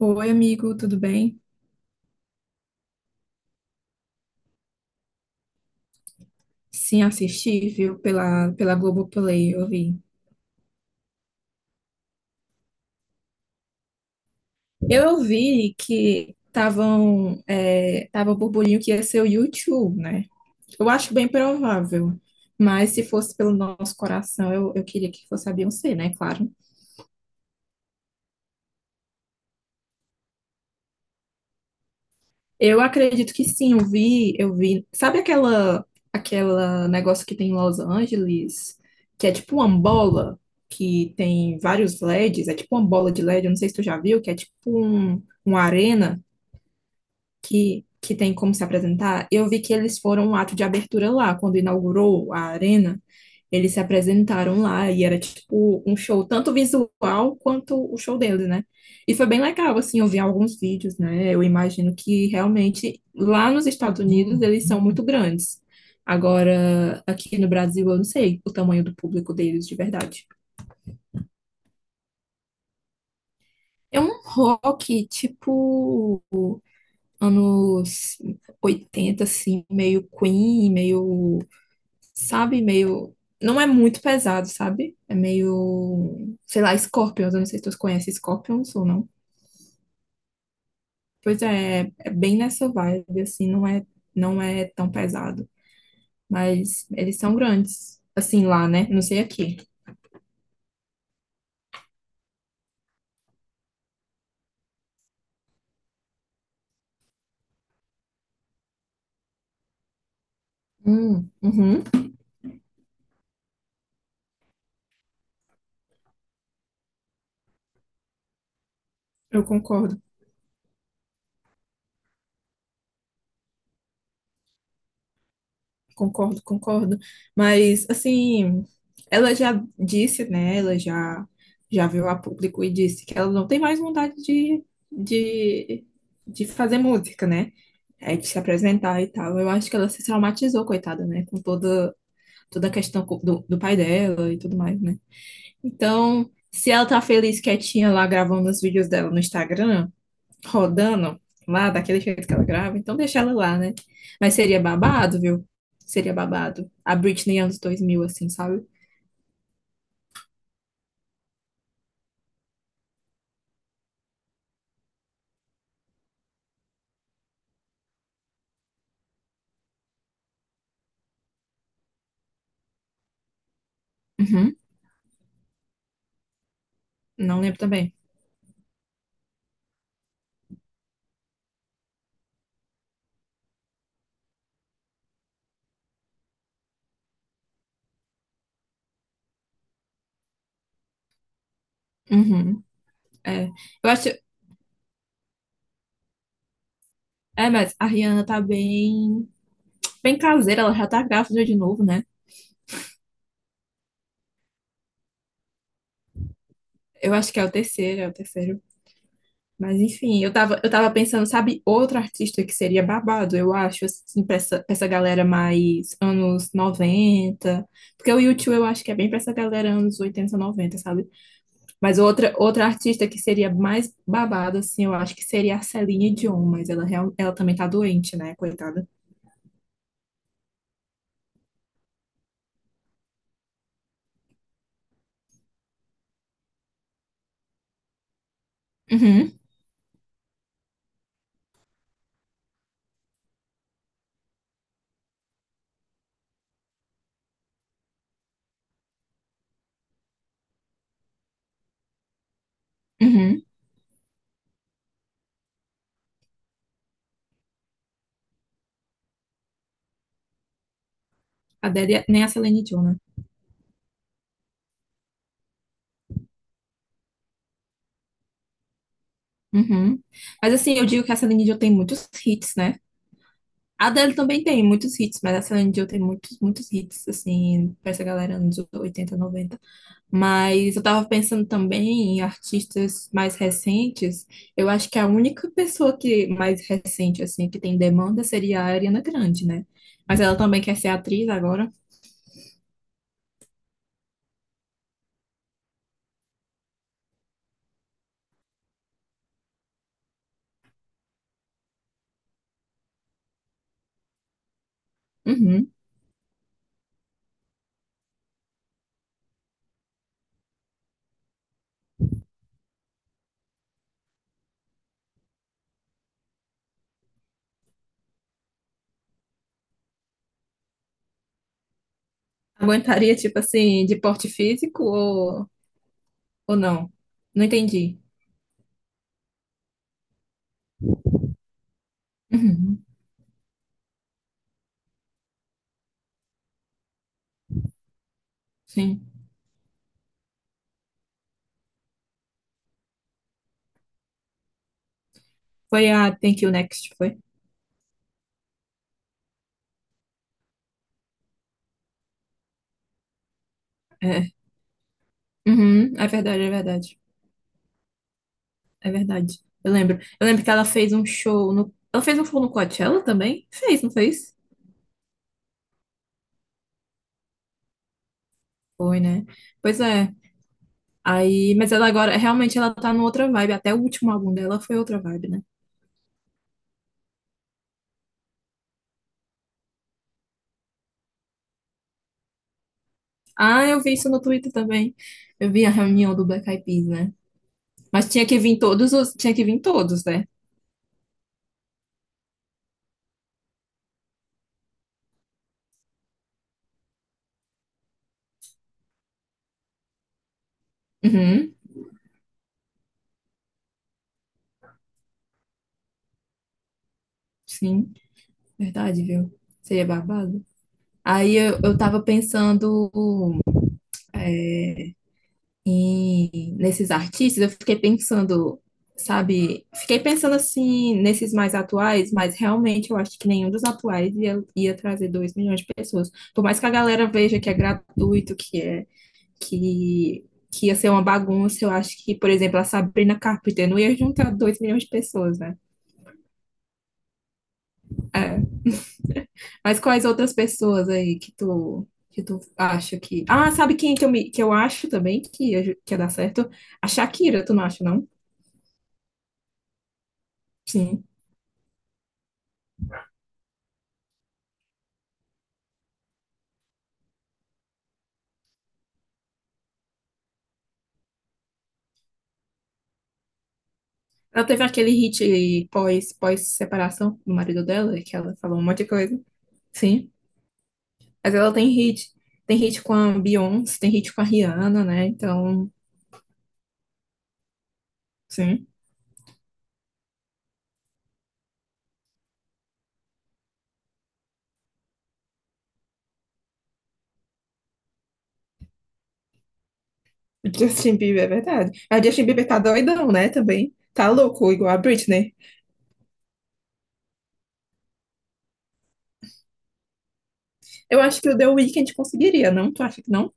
Oi, amigo, tudo bem? Sim, assisti, viu, pela Globoplay, eu vi. Eu vi que estavam, tava o burburinho que ia ser o YouTube, né? Eu acho bem provável, mas se fosse pelo nosso coração, eu queria que fosse a Beyoncé, né? Claro. Eu acredito que sim, eu vi. Sabe aquela negócio que tem em Los Angeles, que é tipo uma bola que tem vários LEDs, é tipo uma bola de LED, eu não sei se tu já viu, que é tipo uma arena que tem como se apresentar, eu vi que eles foram um ato de abertura lá, quando inaugurou a arena, eles se apresentaram lá e era tipo um show, tanto visual quanto o show deles, né? E foi bem legal, assim, eu vi alguns vídeos, né? Eu imagino que realmente lá nos Estados Unidos eles são muito grandes. Agora, aqui no Brasil, eu não sei o tamanho do público deles de verdade. É um rock, tipo, anos 80 assim, meio Queen, meio, sabe, meio. Não é muito pesado, sabe? É meio, sei lá, Scorpions. Eu não sei se tu conhece Scorpions ou não. Pois é, é bem nessa vibe, assim, não é tão pesado. Mas eles são grandes, assim, lá, né? Não sei aqui. Uhum, eu concordo. Concordo, concordo. Mas, assim, ela já disse, né? Já veio a público e disse que ela não tem mais vontade de, de fazer música, né? É, de se apresentar e tal. Eu acho que ela se traumatizou, coitada, né? Com toda, toda a questão do, do pai dela e tudo mais, né? Então, se ela tá feliz quietinha lá gravando os vídeos dela no Instagram, rodando lá daquele jeito que ela grava, então deixa ela lá, né? Mas seria babado, viu? Seria babado. A Britney anos 2000 assim, sabe? Uhum. Não lembro também. Uhum. É. Eu acho. É, mas a Rihanna tá bem. Bem caseira, ela já tá grávida de novo, né? Eu acho que é o terceiro, é o terceiro. Mas enfim, eu tava pensando, sabe, outro artista que seria babado, eu acho, assim, pra pra essa galera mais anos noventa. Porque o YouTube eu acho que é bem pra essa galera anos 80 noventa, sabe? Mas outra artista que seria mais babado, assim, eu acho que seria a Celine Dion, mas ela, ela também tá doente, né, coitada. Uhum, uhum. A Adele, nem a Celine Dion, né? Uhum. Mas assim, eu digo que a Celine Dion tem muitos hits, né? A Adele também tem muitos hits, mas a Celine Dion tem muitos, muitos hits, assim, pra essa galera anos 80 noventa. Mas eu tava pensando também em artistas mais recentes. Eu acho que a única pessoa que mais recente, assim, que tem demanda seria a Ariana Grande, né? Mas ela também quer ser atriz agora. Uhum. Aguentaria, tipo assim, de porte físico ou não? Não entendi. Uhum. Sim. Foi a Thank You Next, foi? É, uhum, é verdade, é verdade. É verdade. Eu lembro. Eu lembro que ela fez um show no. Ela fez um show no Coachella também? Fez, não fez? Foi, né? Pois é. Aí, mas ela agora, realmente ela tá numa outra vibe. Até o último álbum dela foi outra vibe, né? Ah, eu vi isso no Twitter também. Eu vi a reunião do Black Eyed Peas, né? Mas tinha que vir todos os. Tinha que vir todos, né? Uhum, sim. Verdade, viu? Seria babado. Eu tava pensando. É, e nesses artistas, eu fiquei pensando, sabe? Fiquei pensando assim, nesses mais atuais, mas realmente eu acho que nenhum dos atuais ia trazer 2 milhões de pessoas. Por mais que a galera veja que é gratuito, que, que ia ser uma bagunça, eu acho que, por exemplo, a Sabrina Carpenter não ia juntar 2 milhões de pessoas, né? É. Mas quais outras pessoas aí Que tu acha que. Ah, sabe quem que que eu acho também que que ia dar certo? A Shakira, tu não acha, não? Sim. Ela teve aquele hit pós-separação do marido dela, que ela falou um monte de coisa. Sim. Mas ela tem hit. Tem hit com a Beyoncé, tem hit com a Rihanna, né? Então, sim. O Justin Bieber, é verdade. A Justin Bieber tá doidão, né? Também. Tá louco, igual a Britney. Eu acho que o The Weeknd conseguiria, não? Tu acha que não?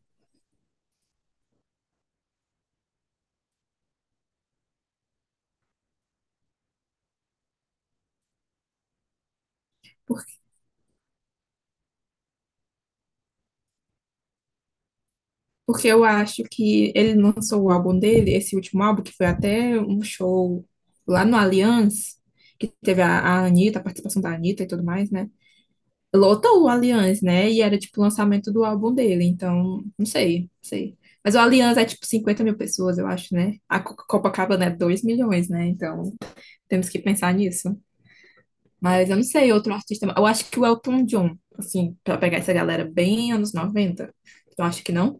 Por- Porque eu acho que ele lançou o álbum dele, esse último álbum, que foi até um show lá no Allianz, que teve a Anitta, a participação da Anitta e tudo mais, né? Lotou o Allianz, né? E era tipo o lançamento do álbum dele, então não sei, não sei. Mas o Allianz é tipo 50 mil pessoas, eu acho, né? A Copacabana é 2 milhões, né? Então temos que pensar nisso. Mas eu não sei, outro artista. Eu acho que o Elton John, assim, pra pegar essa galera bem anos 90. Eu acho que não.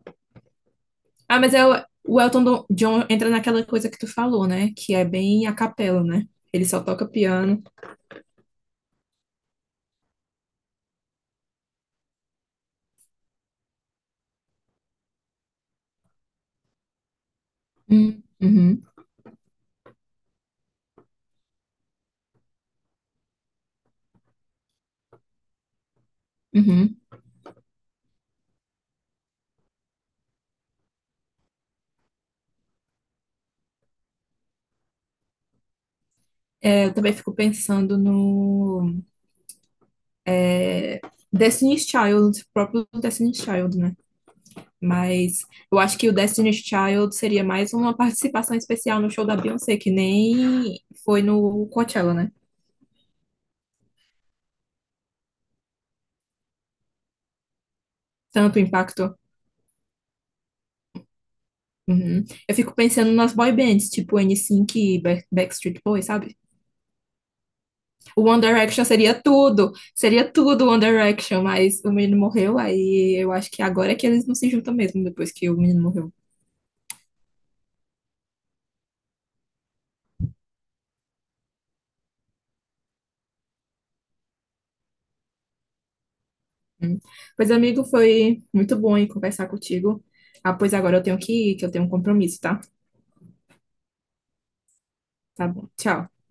Ah, mas é o Elton John entra naquela coisa que tu falou, né? Que é bem a capela, né? Ele só toca piano. Uhum, uhum. É, eu também fico pensando no. É, Destiny's Child, próprio Destiny's Child, né? Mas eu acho que o Destiny's Child seria mais uma participação especial no show da Beyoncé, que nem foi no Coachella, né? Tanto impacto. Uhum. Eu fico pensando nas boy bands, tipo NSYNC e Backstreet Boys, sabe? O One Direction seria tudo One Direction, mas o menino morreu, aí eu acho que agora é que eles não se juntam mesmo, depois que o menino morreu. Hum. Pois, amigo, foi muito bom aí conversar contigo. Ah, pois agora eu tenho que ir, que eu tenho um compromisso, tá? Tá bom. Tchau.